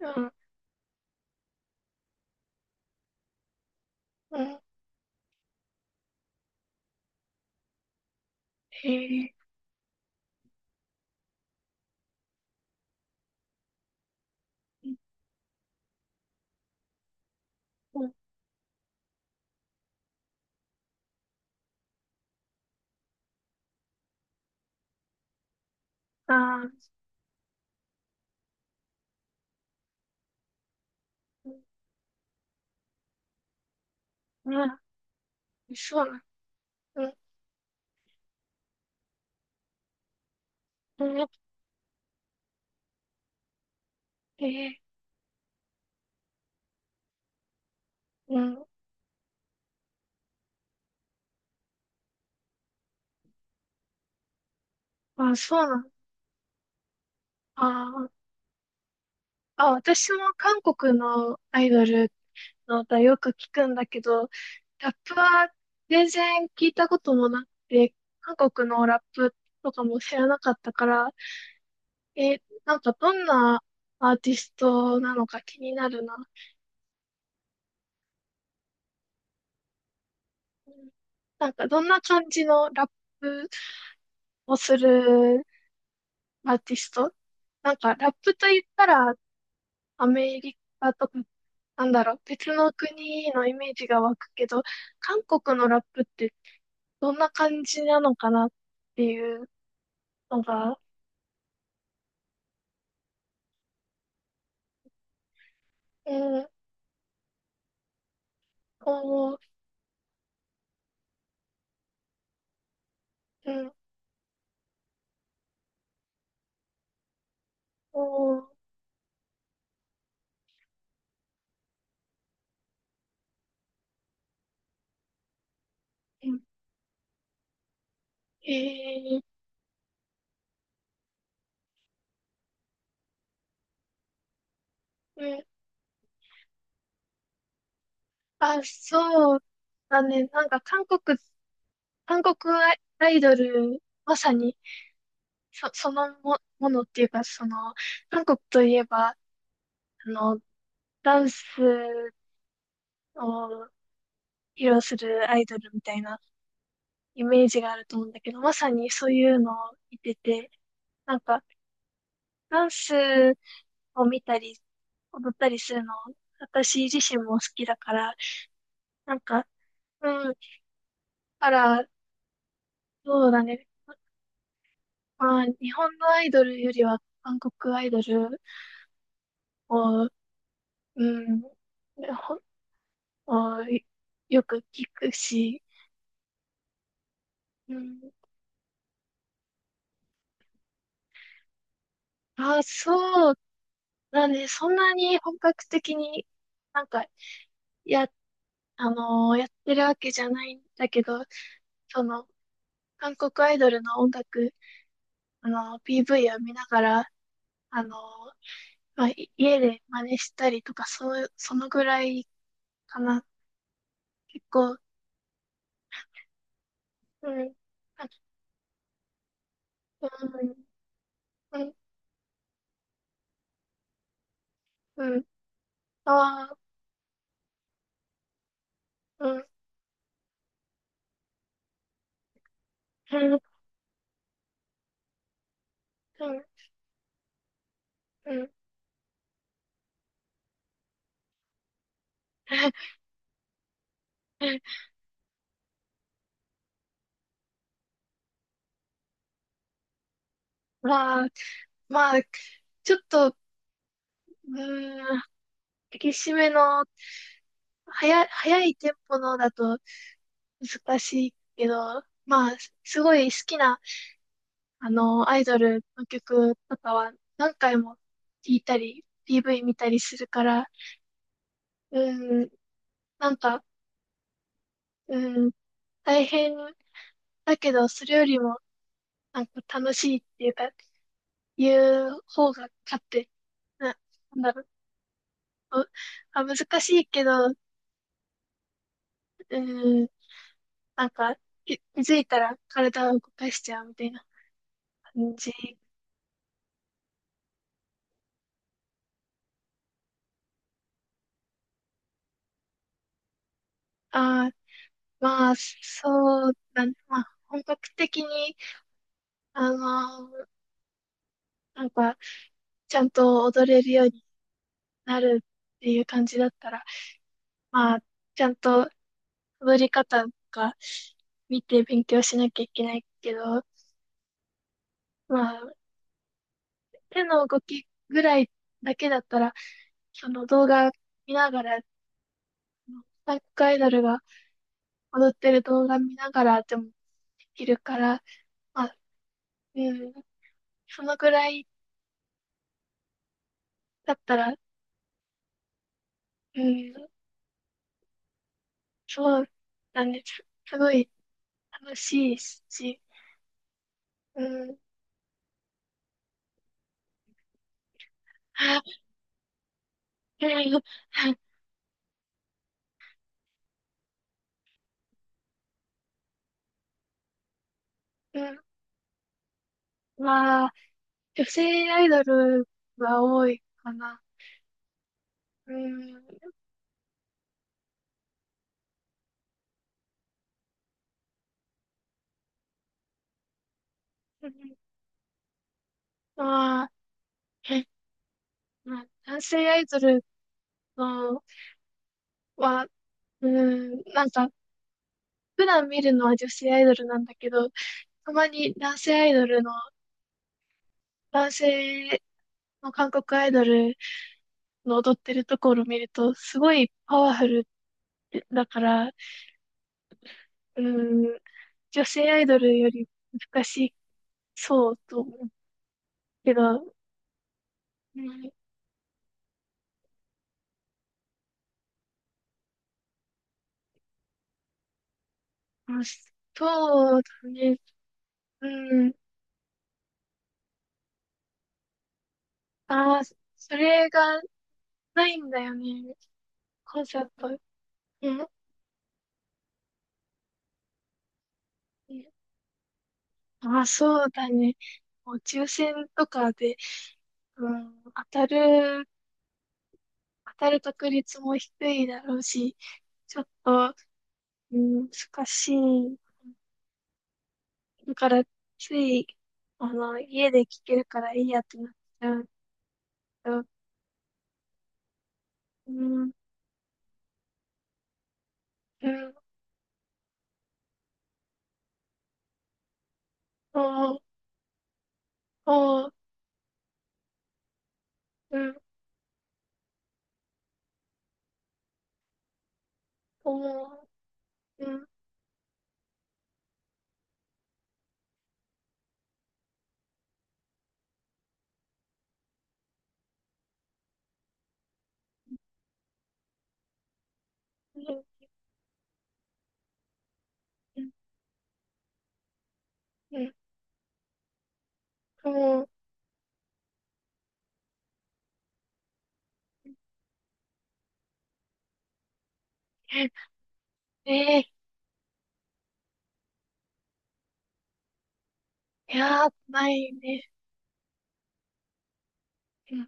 うん。うん。えー。うん。あー。うん。そうなん。うん。うん。えー。うん。あ、そうなん。あー。あ、私も韓国のアイドルの歌よく聞くんだけど、ラップは全然聞いたこともなくて、韓国のラップとかも知らなかったから、なんかどんなアーティストなのか気になるな。うん。なんかどんな感じのラップをするアーティスト。なんか、ラップと言ったら、アメリカとか、なんだろう、別の国のイメージが湧くけど、韓国のラップってどんな感じなのかなっていうのが、うん、おー、うん、おー、うん、えー、うん、あ、そうだね。なんか、韓国、韓国アイドル、まさに、ものっていうか、その、韓国といえば、あの、ダンスを披露するアイドルみたいなイメージがあると思うんだけど、まさにそういうのを見てて、なんかダンスを見たり、踊ったりするの、私自身も好きだから、なんか、うん、あら、そうだね。まあ、日本のアイドルよりは韓国アイドルを、うん、をよく聞くし、うん、あ、そうだね。そんなに本格的になんかやっあのーやってるわけじゃないんだけど、その、韓国アイドルの音楽、あのー PV を見ながら、あのーまあ、家で真似したりとか、そう、そのぐらいかな。結構、うん、あ、うん、うん、うん、ああ、うん、うん、うん、うん。まあ、まあ、ちょっと、うーん、激しめの、早いテンポのだと難しいけど、まあ、すごい好きなアイドルの曲とかは何回も聴いたり、PV 見たりするから、うん、なんか、うん、大変だけど、それよりも、なんか楽しいっていうか、いう方が勝って、な、なんだろう、う難しいけど、うん、なんか、気づいたら体を動かしちゃうみたいな感じ。ああ。まあ、そうだね。まあ、本格的に、あのーなんか、ちゃんと踊れるようになるっていう感じだったら、まあ、ちゃんと踊り方とか見て勉強しなきゃいけないけど、まあ、手の動きぐらいだけだったら、その動画見ながら、韓国アイドルが踊ってる動画見ながらでもできるから、まあ、うん、そのぐらいだったら、うん、そうなんです。すごい楽しいし、うん、うん、まあ、女性アイドルが多いかな。うーん。まあ、え、まあ、男性アイドルのは、うーん、なんか、普段見るのは女性アイドルなんだけど、たまに男性の韓国アイドルの踊ってるところを見ると、すごいパワフルだから、うーん、女性アイドルより難しそうと思うけど、うん、まあそうだね。うん。ああ、それがないんだよね。コンサート。うん。ああ、そうだね。もう抽選とかで、うん、当たる確率も低いだろうし、ちょっと、うん、難しい。だから、つい、あの、家で聞けるからいいやってなっちゃうけど、うん、うん、おう、おう、うん、おう、うん、うん、うん、うん、おう、えー、いやー、ないね。へえ、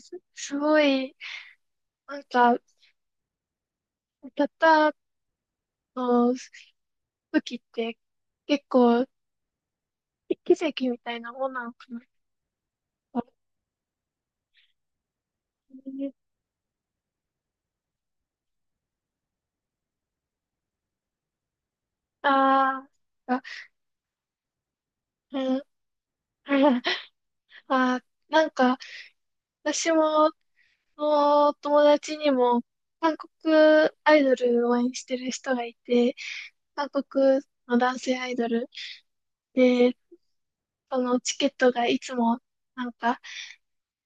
すごい、なんか、たったの武器って結構、奇跡みたいなもんなのかな。ああ。あ、うん、あ、なんか、私も、友達にも、韓国アイドルを応援してる人がいて、韓国の男性アイドル。そのチケットがいつもなんか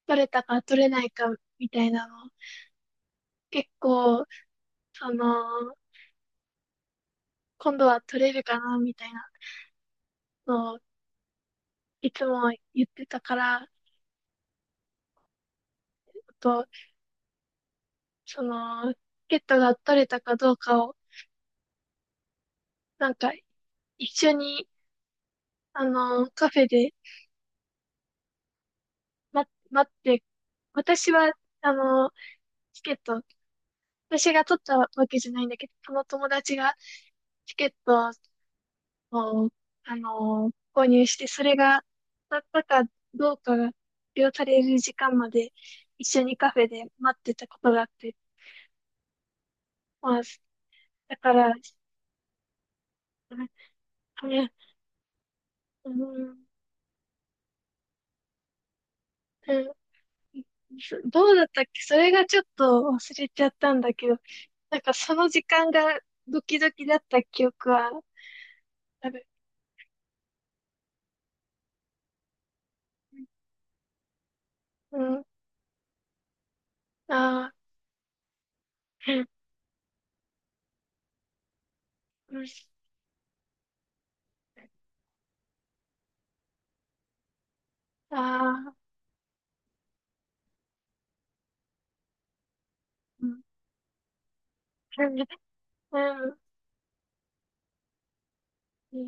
取れたか取れないかみたいなの、結構、その、今度は取れるかなみたいなのをいつも言ってたから、あと、その、チケットが取れたかどうかを、なんか一緒に、あの、カフェで待って、私は、あの、チケット、私が取ったわけじゃないんだけど、その友達がチケットを、購入して、それが当たったかどうかが発表される時間まで一緒にカフェで待ってたことがあって、まあ、だから、うんね、うん、うん。どうだったっけ。それがちょっと忘れちゃったんだけど、なんかその時間がドキドキだった記憶はある。うん、ああ、うん、うん。ああ、うん、うん、うん。うん